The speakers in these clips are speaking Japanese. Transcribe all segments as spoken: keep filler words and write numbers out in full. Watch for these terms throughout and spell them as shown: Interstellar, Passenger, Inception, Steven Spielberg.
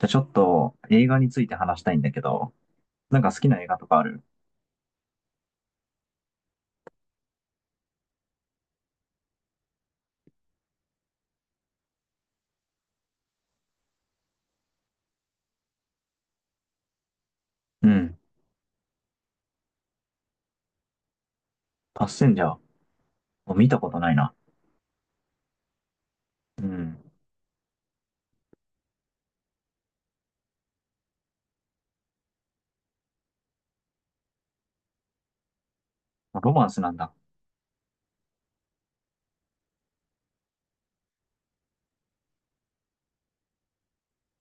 じゃあちょっと映画について話したいんだけど、なんか好きな映画とかある？うん。パッセンジャー。もう見たことないな。うん。ロマンスなんだ。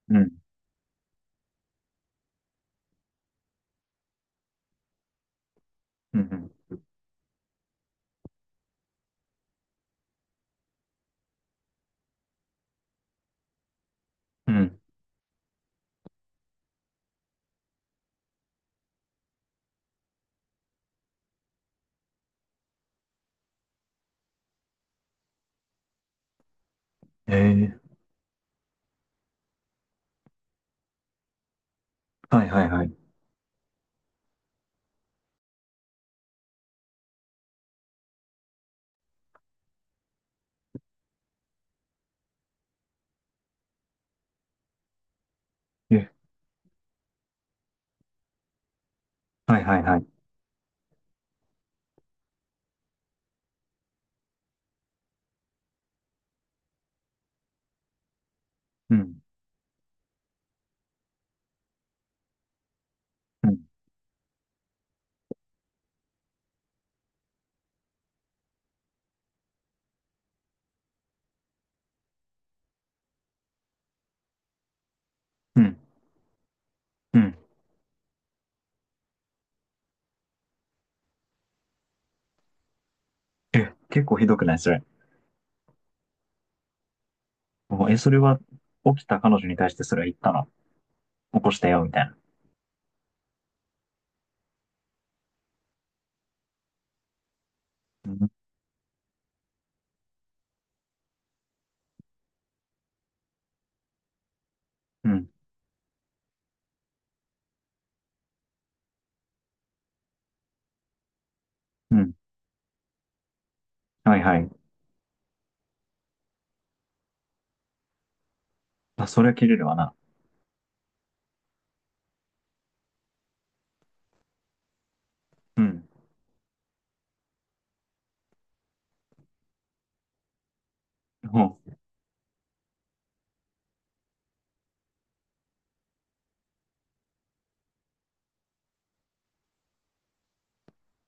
うん。うん。うん。ええー。はいはいはい。え、はいはいはい。うん。うん。うん。うん。え、結構ひどくないそれ？おえ、それは起きた彼女に対してそれは言ったの？起こしたよ、みたいな。うん。うん。うん。はいはい。あ、それは切れるわな。うん。ほう、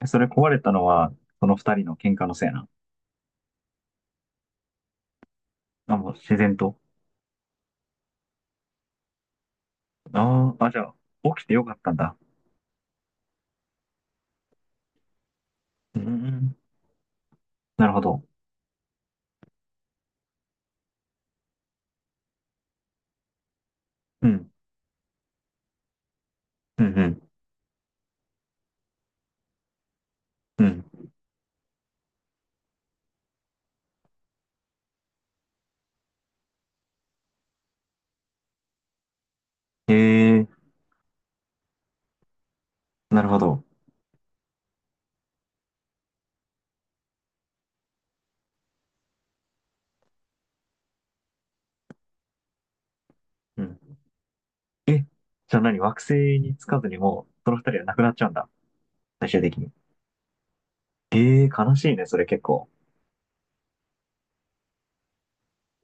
え、それ壊れたのは、その二人の喧嘩のせいな？あ、もう自然と。ああ、あ、じゃあ、起きてよかったんだ。うん、なるほど。うん、うん、うん、うん。へえ、なるほど。うん。え、じゃあ何、惑星につかずにもう、その二人は亡くなっちゃうんだ。最終的に。ええ、悲しいね、それ結構。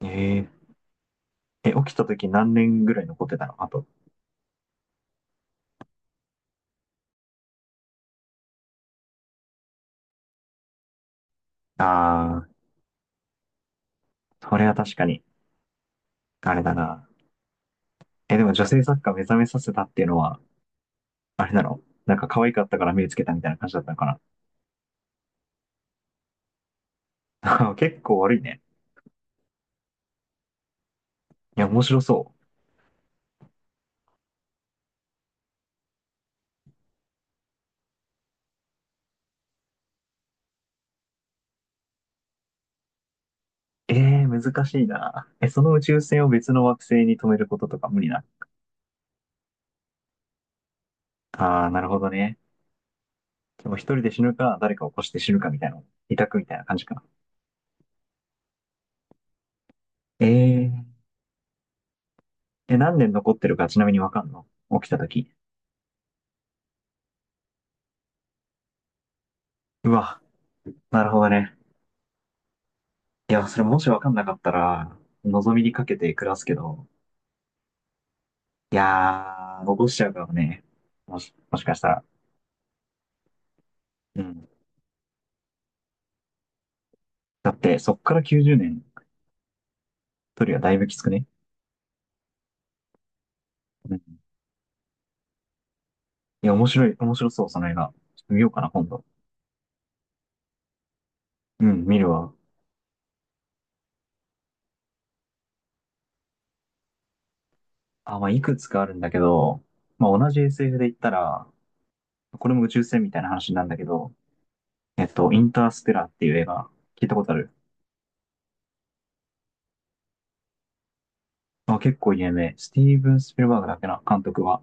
ええ、え、起きた時何年ぐらい残ってたの、あと？ああ、それは確かに、あれだな。え、でも女性作家目覚めさせたっていうのは、あれなの？なんか可愛かったから目つけたみたいな感じだったのかな？結構悪いね。いや、面白そう。ええー、難しいな。え、その宇宙船を別の惑星に止めることとか無理な？ああ、なるほどね。でも一人で死ぬか、誰かを起こして死ぬかみたいな、委託みたいな感じかな。ええー、え、何年残ってるかちなみにわかんの？起きた時。うわ、なるほどね。いや、それもしわかんなかったら、望みにかけて暮らすけど、いやー、残しちゃうかもね。もし、もしかしたら。うん。だって、そっからきゅうじゅうねん、一人はだいぶきつくね？うん。いや、面白い、面白そう、その映画。ちょっと見ようかな、今度。うん、見るわ。あ、まあ、いくつかあるんだけど、まあ、同じ エスエフ で言ったら、これも宇宙船みたいな話なんだけど、えっと、インターステラーっていう映画、聞いたことある？まあ、結構有名。スティーブン・スピルバーグだっけな、監督は。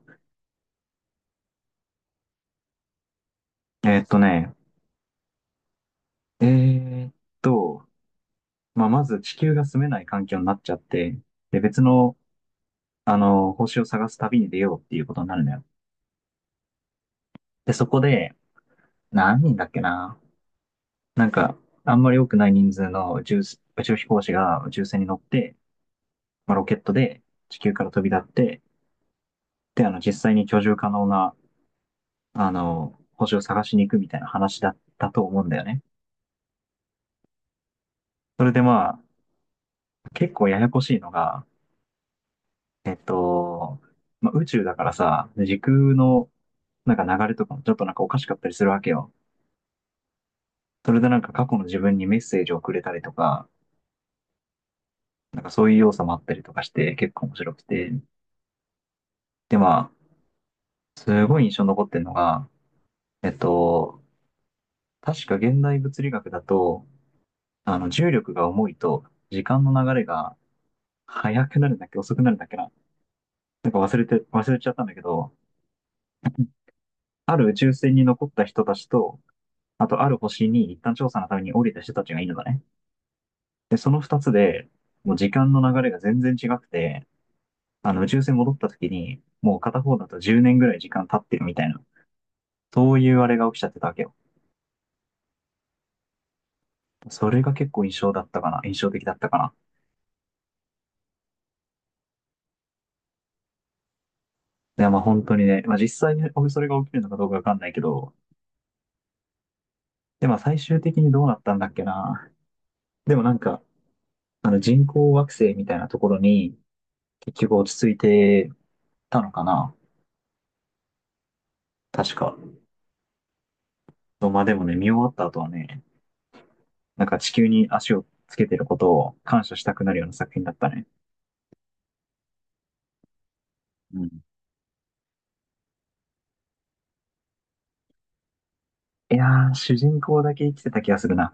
えっとね、えーっと、まあ、まず地球が住めない環境になっちゃって、で、別の、あの、星を探す旅に出ようっていうことになるのよ。で、そこで、なんにんだっけな。なんか、あんまり多くない人数の宇宙、宇宙飛行士が宇宙船に乗って、まあ、ロケットで地球から飛び立って、で、あの、実際に居住可能な、あの、星を探しに行くみたいな話だったと思うんだよね。それでまあ、結構ややこしいのが、えっと、まあ、宇宙だからさ、時空のなんか流れとかもちょっとなんかおかしかったりするわけよ。それでなんか過去の自分にメッセージをくれたりとか、なんかそういう要素もあったりとかして結構面白くて。でまあ、すごい印象に残ってるのが、えっと、確か現代物理学だと、あの、重力が重いと、時間の流れが速くなるんだっけ、遅くなるんだっけな。なんか忘れて、忘れちゃったんだけど、ある宇宙船に残った人たちと、あとある星に一旦調査のために降りた人たちがいるのね。で、そのふたつで、もう時間の流れが全然違くて、あの、宇宙船戻った時に、もう片方だとじゅうねんぐらい時間経ってるみたいな、そういうあれが起きちゃってたわけよ。それが結構印象だったかな、印象的だったかな。いや、まあ本当にね、まあ実際にそれが起きるのかどうかわかんないけど、で、まあ最終的にどうなったんだっけな。でもなんか、あの人工惑星みたいなところに結局落ち着いてたのかな。確か。まあでもね、見終わった後はね、なんか地球に足をつけてることを感謝したくなるような作品だったね。うん。いやー、主人公だけ生きてた気がするな。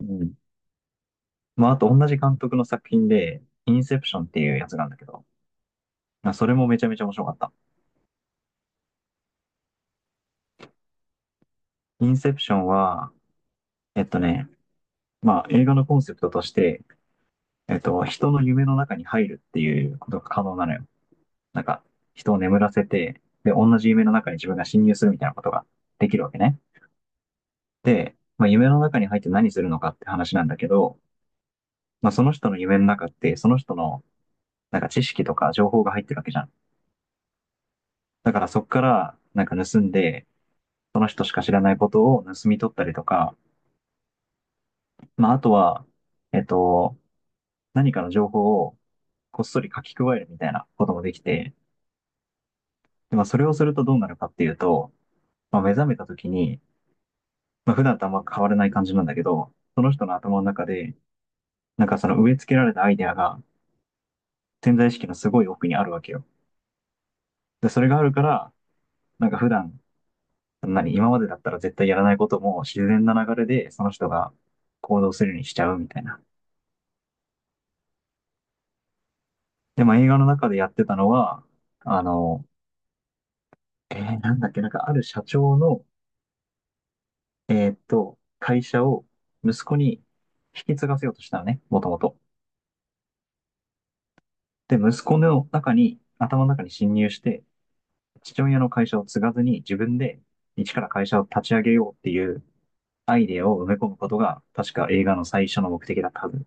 うん。まああと同じ監督の作品で、インセプションっていうやつなんだけど、まあそれもめちゃめちゃ面白かった。インセプションは、えっとね、まあ映画のコンセプトとして、えっと、人の夢の中に入るっていうことが可能なのよ。なんか、人を眠らせて、で、同じ夢の中に自分が侵入するみたいなことができるわけね。で、まあ、夢の中に入って何するのかって話なんだけど、まあ、その人の夢の中って、その人の、なんか知識とか情報が入ってるわけじゃん。だからそっから、なんか盗んで、その人しか知らないことを盗み取ったりとか、まあ、あとは、えっと、何かの情報をこっそり書き加えるみたいなこともできて、で、まあ、それをするとどうなるかっていうと、まあ、目覚めた時に、まあ、普段とあんま変わらない感じなんだけど、その人の頭の中で、なんかその植え付けられたアイデアが潜在意識のすごい奥にあるわけよ。で、それがあるから、なんか普段、何、今までだったら絶対やらないことも自然な流れでその人が行動するようにしちゃうみたいな。で、まあ映画の中でやってたのは、あの、えー、なんだっけ、なんかある社長の、えーっと、会社を息子に引き継がせようとしたのね、もともと。で、息子の中に、頭の中に侵入して、父親の会社を継がずに自分で一から会社を立ち上げようっていうアイデアを埋め込むことが確か映画の最初の目的だったはず。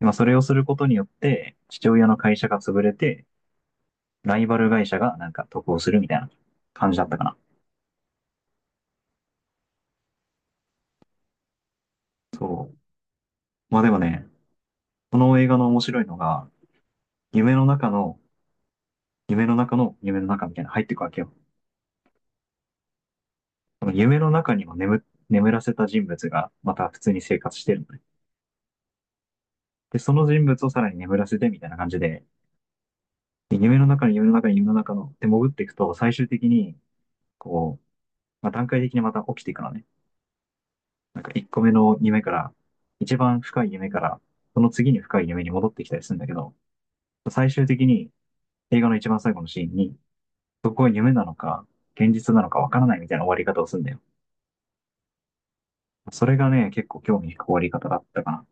まあ、それをすることによって父親の会社が潰れてライバル会社がなんか得をするみたいな感じだったかな。そう。まあでもね、この映画の面白いのが夢の中の夢の中の夢の中みたいな入っていくわけよ。夢の中にも眠、眠らせた人物がまた普通に生活してるのね。で、その人物をさらに眠らせてみたいな感じで、夢の中の夢の中の夢の中のって潜っていくと、最終的に、こう、まあ、段階的にまた起きていくのね。なんかいっこめの夢から、一番深い夢から、その次に深い夢に戻ってきたりするんだけど、最終的に映画の一番最後のシーンに、そこが夢なのか、現実なのかわからないみたいな終わり方をするんだよ。それがね、結構興味深い終わり方だったかな。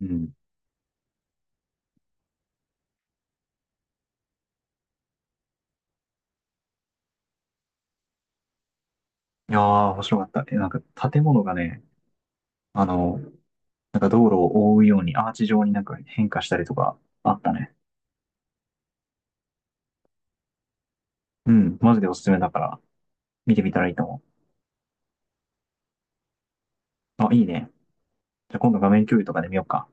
うん。いやー、面白かった。え、なんか建物がね、あの、なんか道路を覆うようにアーチ状になんか変化したりとかあったね。うん、マジでおすすめだから。見てみたらいいと思う。あ、いいね。じゃあ今度画面共有とかで見ようか。